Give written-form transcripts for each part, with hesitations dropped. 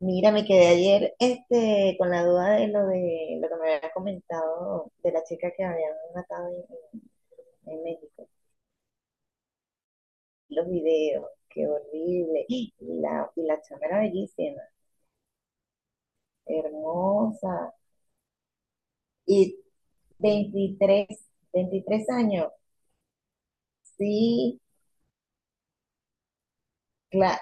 Mira, me quedé ayer con la duda de lo que me había comentado de la chica que habían matado en- en México. Los videos, qué horrible. Y la chama era bellísima, hermosa. Y 23, 23 años, sí, claro.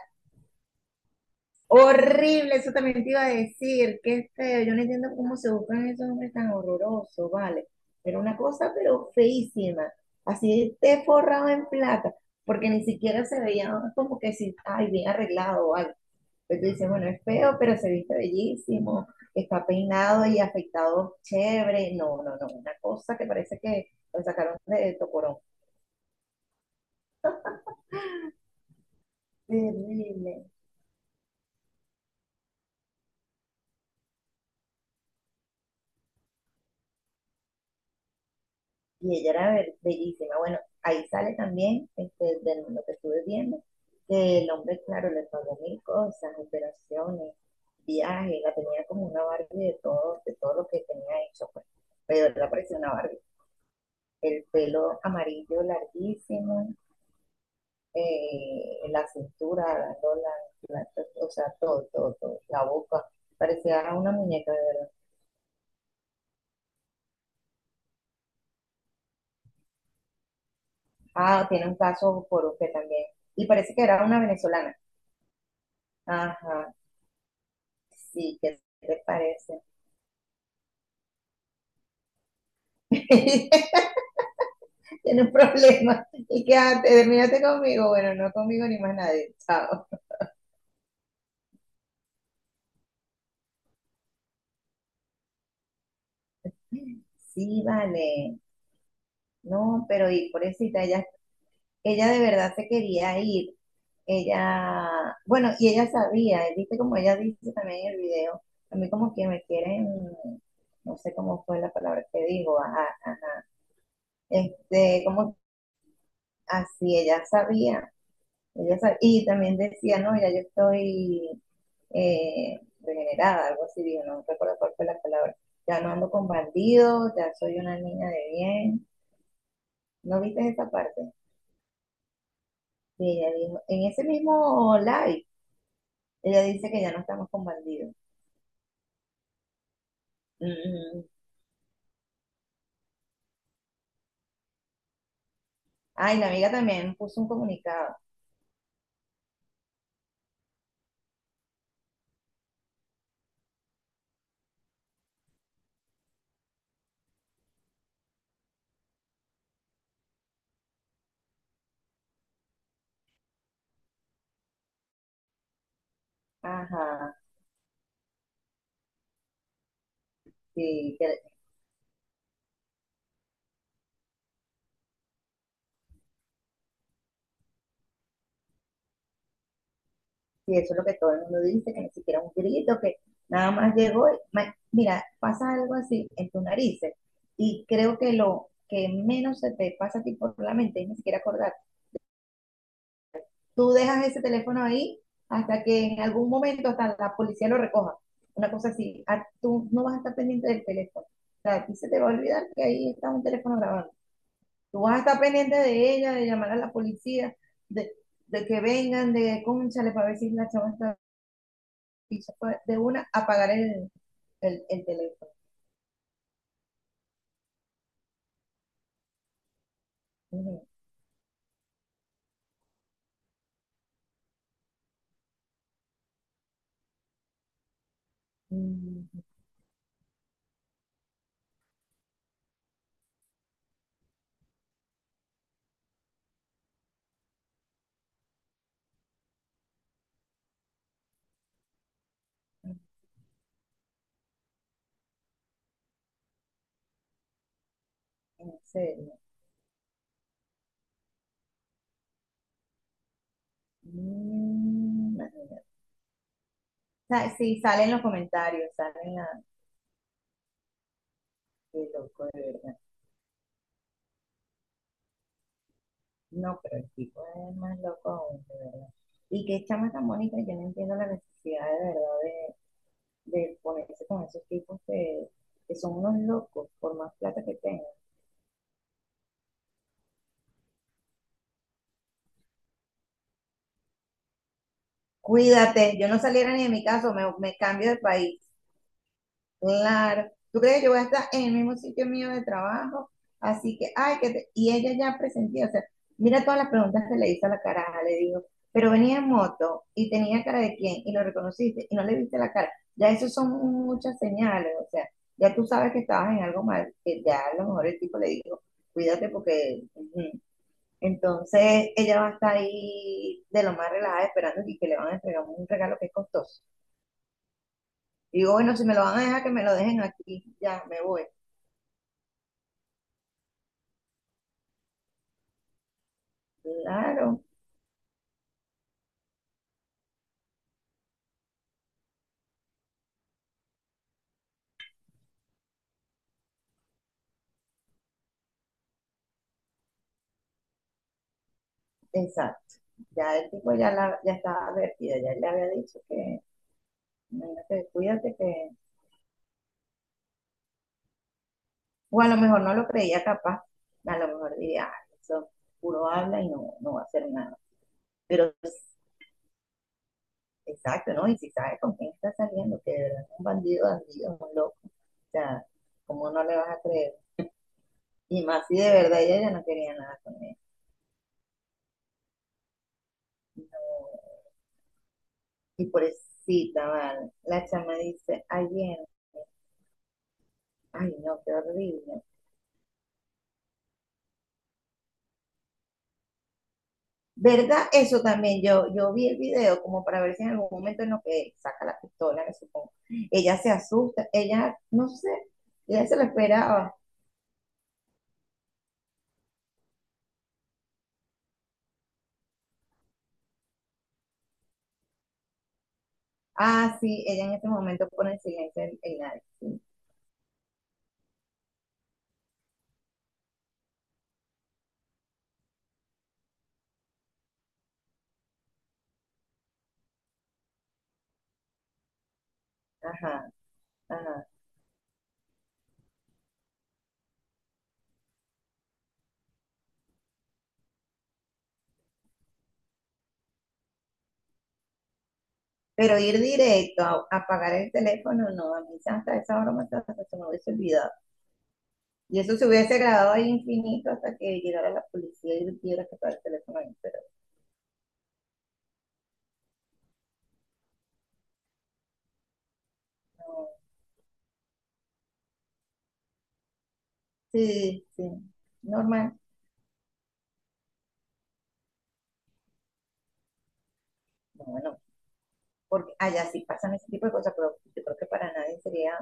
Horrible, eso también te iba a decir, qué feo. Yo no entiendo cómo se buscan esos hombres tan horrorosos, vale. Era una cosa, pero feísima. Así te forrado en plata, porque ni siquiera se veía como que si, ay, bien arreglado o algo. Pero tú dices, bueno, es feo, pero se viste bellísimo, está peinado y afeitado chévere. No, no, no, una cosa que parece que lo sacaron de Tocorón. Terrible. Y ella era bellísima. Bueno, ahí sale también de lo que estuve viendo, que el hombre, claro, le pagó mil cosas, operaciones, viajes, la tenía como una Barbie de todo lo que tenía hecho, pues. Pero la parecía una Barbie. El pelo amarillo larguísimo, la cintura, o sea, todo, todo, todo, la boca. Parecía una muñeca, de verdad. Ah, tiene un caso por usted también. Y parece que era una venezolana. Ajá, sí, ¿qué te parece? Tiene un problema. Y quédate, conmigo. Bueno, no conmigo ni más nadie. Chao. Sí, vale. No, pero y pobrecita, ella de verdad se quería ir. Ella, bueno, y ella sabía, viste como ella dice también en el video, a mí como que me quieren, no sé cómo fue la palabra que dijo, ajá, ajá. Como así, ella sabía. Y también decía, no, ya yo estoy regenerada, algo así, digo no recuerdo cuál fue la palabra. Ya no ando con bandidos, ya soy una niña de bien. ¿No viste esa parte? Y ella dijo, en ese mismo live, ella dice que ya no estamos con bandidos. Mm, mm. Mm. Ay, la amiga también puso un comunicado. Ajá, sí, que. Y eso es lo que todo el mundo dice, que ni siquiera un grito, que nada más llegó. Mira, pasa algo así en tus narices y creo que lo que menos se te pasa a ti por la mente es ni siquiera acordar. Tú dejas ese teléfono ahí hasta que en algún momento hasta la policía lo recoja. Una cosa así. Ah, tú no vas a estar pendiente del teléfono. O sea, a ti se te va a olvidar que ahí está un teléfono grabando. Tú vas a estar pendiente de ella, de llamar a la policía, de, de que vengan, de cónchale para ver si la chama está y se fue de una a apagar el, el teléfono. Mm. En serio. Mm, imagínate. Sí, salen los comentarios, salen la. Qué loco, de verdad. No, pero el tipo es más loco aún, de verdad. Y qué chama tan bonita, yo no entiendo la necesidad de verdad de ponerse con esos tipos que son unos locos, por más plata que tengan. Cuídate, yo no saliera ni de mi casa, me cambio de país. Claro, tú crees que yo voy a estar en el mismo sitio mío de trabajo, así que, ay, y ella ya presentía, o sea, mira todas las preguntas que le hizo a la cara, le digo, pero venía en moto y tenía cara de quién y lo reconociste y no le viste la cara, ya eso son muchas señales, o sea, ya tú sabes que estabas en algo mal, que ya a lo mejor el tipo le dijo, cuídate porque, ujú. Entonces ella va a estar ahí de lo más relajada esperando y que le van a entregar un regalo que es costoso. Digo, bueno, si me lo van a dejar, que me lo dejen aquí, ya me voy. Claro, exacto. Ya el tipo ya, la, ya estaba advertida, ya él le había dicho que, imagínate, cuídate que. O a lo mejor no lo creía capaz, a lo mejor diría, "Ah, eso puro habla y no, no va a hacer nada". Pero, pues, exacto, ¿no? Y si sabe con quién está saliendo, que de verdad es un bandido, bandido, un loco, o sea, ¿cómo no le vas a creer? Y más si de verdad ella ya no quería nada con él. Y por eso, vale. La chama dice, ayer, ay, no, qué horrible. ¿Verdad? Eso también, yo vi el video como para ver si en algún momento en lo que saca la pistola, me supongo. Ella se asusta, ella, no sé, ella se lo esperaba. Ah, ah, sí, ella en ese momento pone silencio en, sí. Ajá, ajá. Pero ir directo a apagar el teléfono, no, a mí hasta esa broma hasta se me hubiese olvidado. Y eso se hubiese grabado ahí infinito hasta que llegara la policía y tuviera que apagar el teléfono ahí, pero no. Sí, sí, normal. No, bueno, porque allá sí pasan ese tipo de cosas, pero yo creo que para nadie sería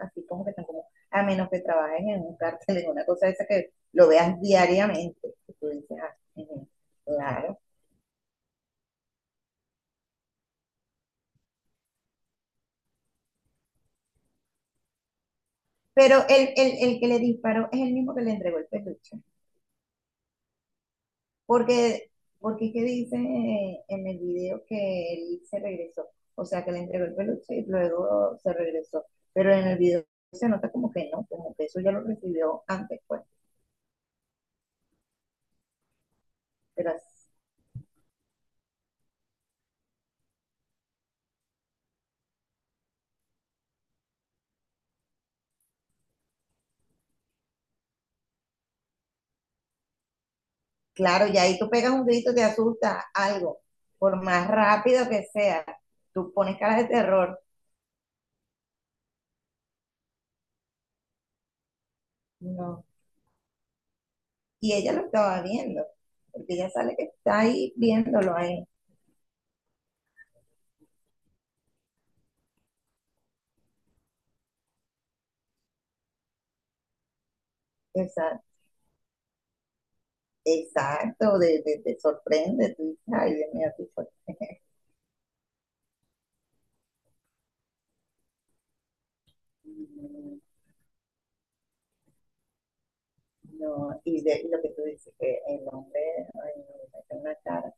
así como que tan común, a menos que trabajes en un cártel, en una cosa de esa que lo veas diariamente, que tú dices, ah, ujú, claro. Pero el que le disparó es el mismo que le entregó el peluche, porque, porque es que dice en el video que él se regresó, o sea, que le entregó el peluche y luego se regresó, pero en el video se nota como que no, como que eso ya lo recibió antes, pues, pero así. Claro, y ahí tú pegas un grito, te asusta algo, por más rápido que sea, tú pones caras de terror, no. Y ella lo estaba viendo, porque ella sale que está ahí viéndolo ahí. Exacto, exacto de sorprende, tú dices, ay, Dios mío, qué fuerte. No, y, y lo que tú dices, que el hombre, ay, no, tiene una cara.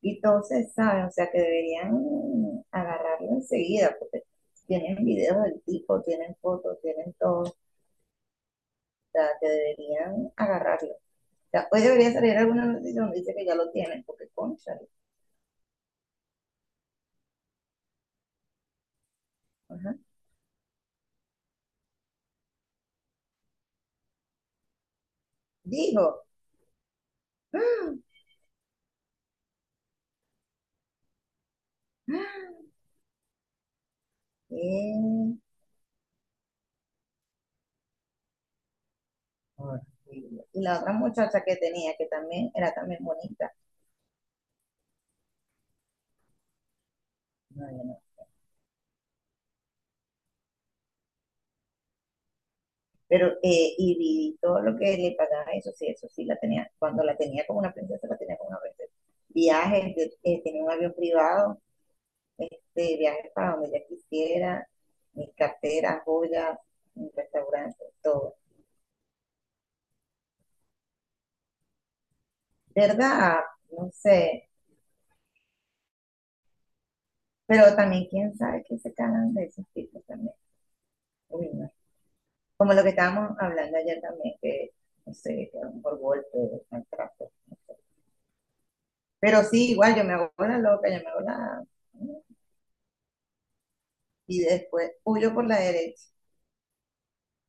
Y entonces, ¿sabes? O sea, que deberían agarrarlo enseguida, porque tienen videos del tipo, tienen fotos, tienen todo. Sea, que deberían agarrarlo. O sea, hoy debería salir alguna noticia donde dice que ya lo tienen, porque concha. Ajá. Digo, ¡ah! ¡Ah! ¡Qué horrible! Y la otra muchacha que tenía, que también era también bonita, no, no, no. Pero vi todo lo que le pagaba, eso sí la tenía, cuando la tenía como una princesa, la tenía como una princesa. Viajes, tenía un avión privado, viajes para donde ella quisiera, mis carteras, joyas, mis restaurantes, todo. ¿Verdad? No sé, pero también quién sabe que se cagan de esos tipos también. Uy, no. Como lo que estábamos hablando ayer también, que no sé, que a lo mejor golpe, maltrato. No sé. Pero sí, igual yo me hago la loca, yo me hago la. Y después huyo por la derecha.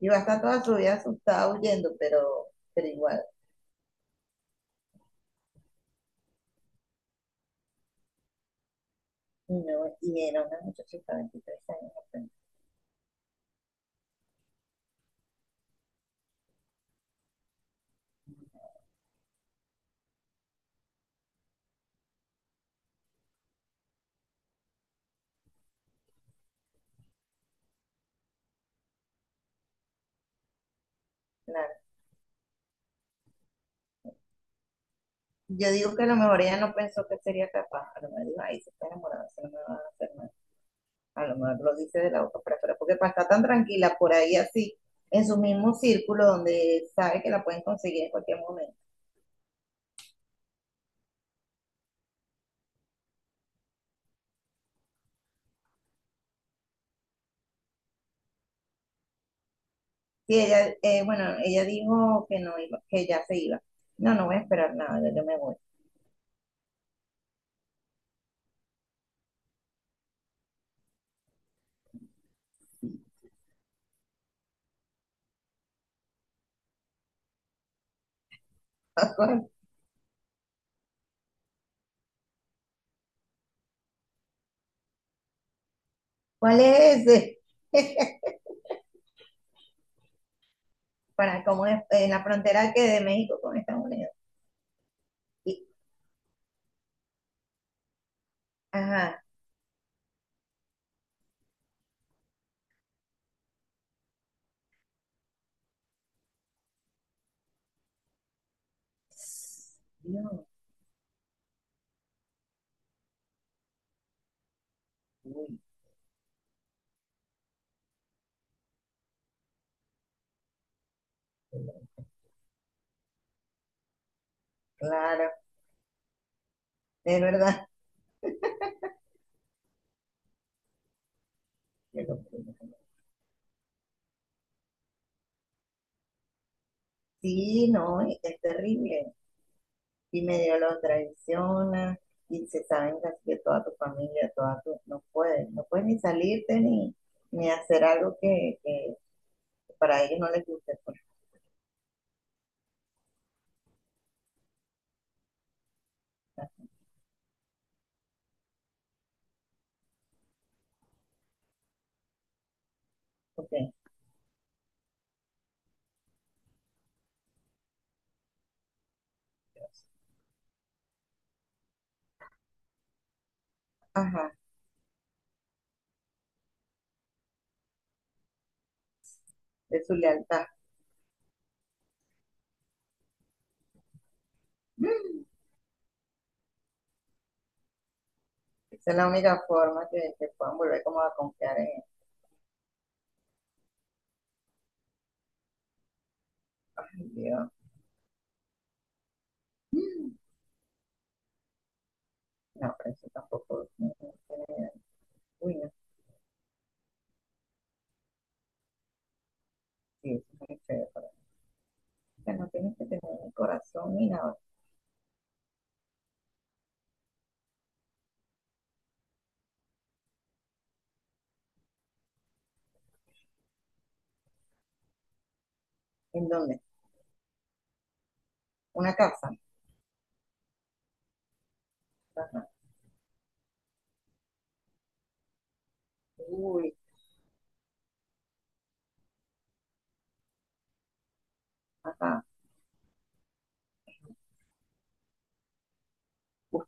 Y va a estar toda su vida asustada huyendo, pero igual. Y, no, y era una muchachita de 23 años apenas. Claro. Yo digo que a lo mejor ella no pensó que sería capaz. A lo mejor dijo, ay, se está enamorada, se no me va a hacer nada. A lo mejor lo dice de la boca para afuera, porque para estar tan tranquila por ahí así, en su mismo círculo donde sabe que la pueden conseguir en cualquier momento. Sí, ella, bueno, ella dijo que no iba, que ya se iba. No, no voy a esperar nada, ya yo me voy. ¿Cuál es ese? Para como en la frontera que de México con Estados Unidos. Y, ajá. Dios, uy, claro, es verdad. Sí, no, es terrible. Y medio lo traiciona y se saben casi que toda tu familia, toda tu, no puedes, no puedes ni salirte ni hacer algo que para ellos no les guste, pues, porque, ajá, de su lealtad. Mm. Esa es la única forma que puedan volver como a confiar en ellos. Ay, Dios. Mm. No, pero eso tampoco no, no tiene- Uy, no, sí, eso es muy feo, pero, no tienes que tener un corazón ni nada. ¿En dónde? Una casa. Ajá. Uy, ajá. Uy,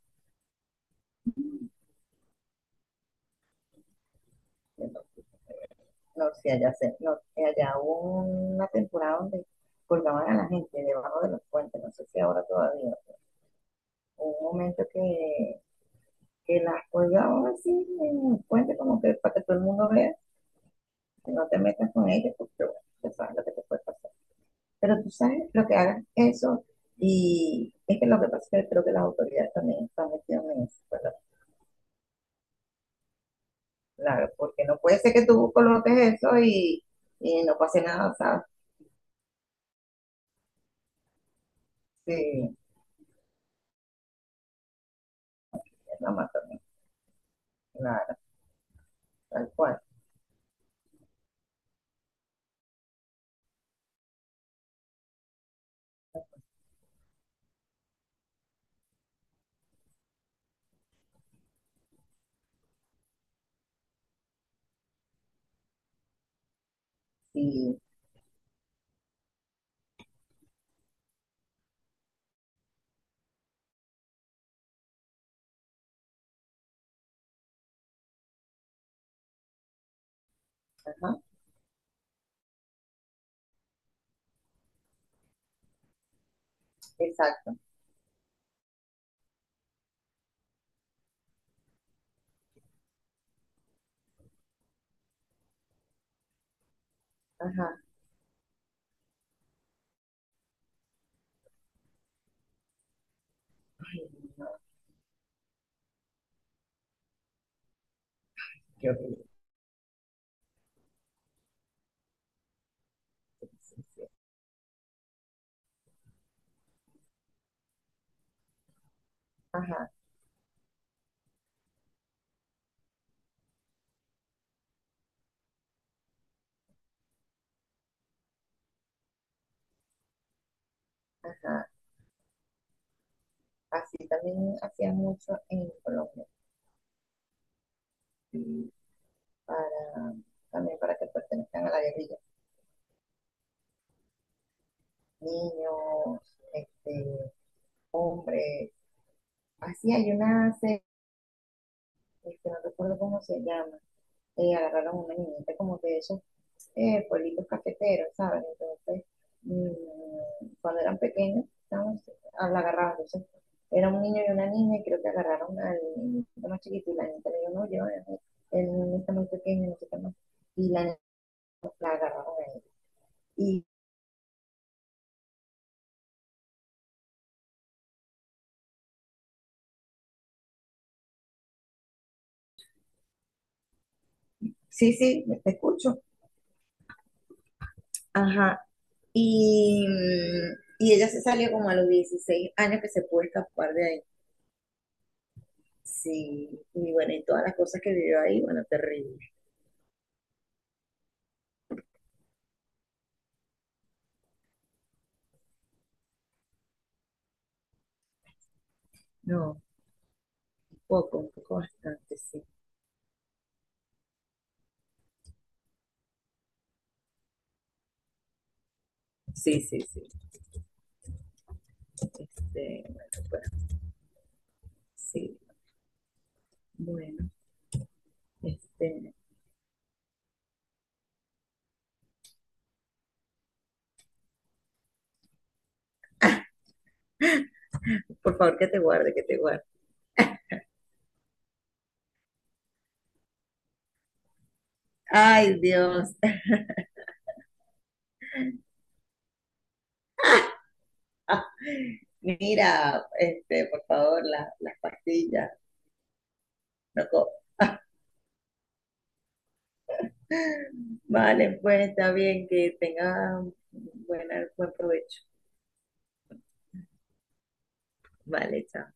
no, sí, allá, se, no, allá hubo una temporada donde colgaban a la gente debajo de los puentes, no sé si ahora todavía. Hubo un momento que las colgaban así en el puente, como que para que todo el mundo vea, que no te metas con ellas, porque bueno, ya sabes lo que te puede pasar. Pero tú sabes lo que hagan eso, y es que lo que pasa es que creo que las autoridades también están metidas en eso, ¿verdad? Claro, porque no puede ser que tú coloques eso y no pase nada, ¿sabes? Sí, es la más también, claro, tal cual. Sí, ajá, exacto, ajá. Ay, no, qué horrible, qué tristeza. Ajá, ajá. Así también hacían mucho en Colombia, sí, para, también para que pertenezcan a la guerrilla. Niños, este, hombres. Así hay una serie, que no recuerdo cómo se llama, agarraron una niñita como que de esos pueblitos cafeteros, ¿sabes? Entonces, cuando eran pequeños, ¿sabes? La agarraban, entonces, era un niño y una niña, y creo que agarraron al niñito más chiquito, y la niña le dijo, no, yo, el niño está muy pequeño, no sé qué más, y la niña la agarraron a ella. Y, sí, sí, te escucho, ajá, y, y ella se salió como a los 16 años que se pudo escapar de ahí. Sí, y bueno, y todas las cosas que vivió ahí, bueno, terrible. No, poco, un poco bastante, sí. Sí, sí, sí. Bueno, pues, sí, bueno. Este, por favor, que te guarde, que te guarde. Ay, Dios. Mira, por favor, las pastillas, loco. Vale, pues está bien, que tenga buena, buen provecho. Vale, chao.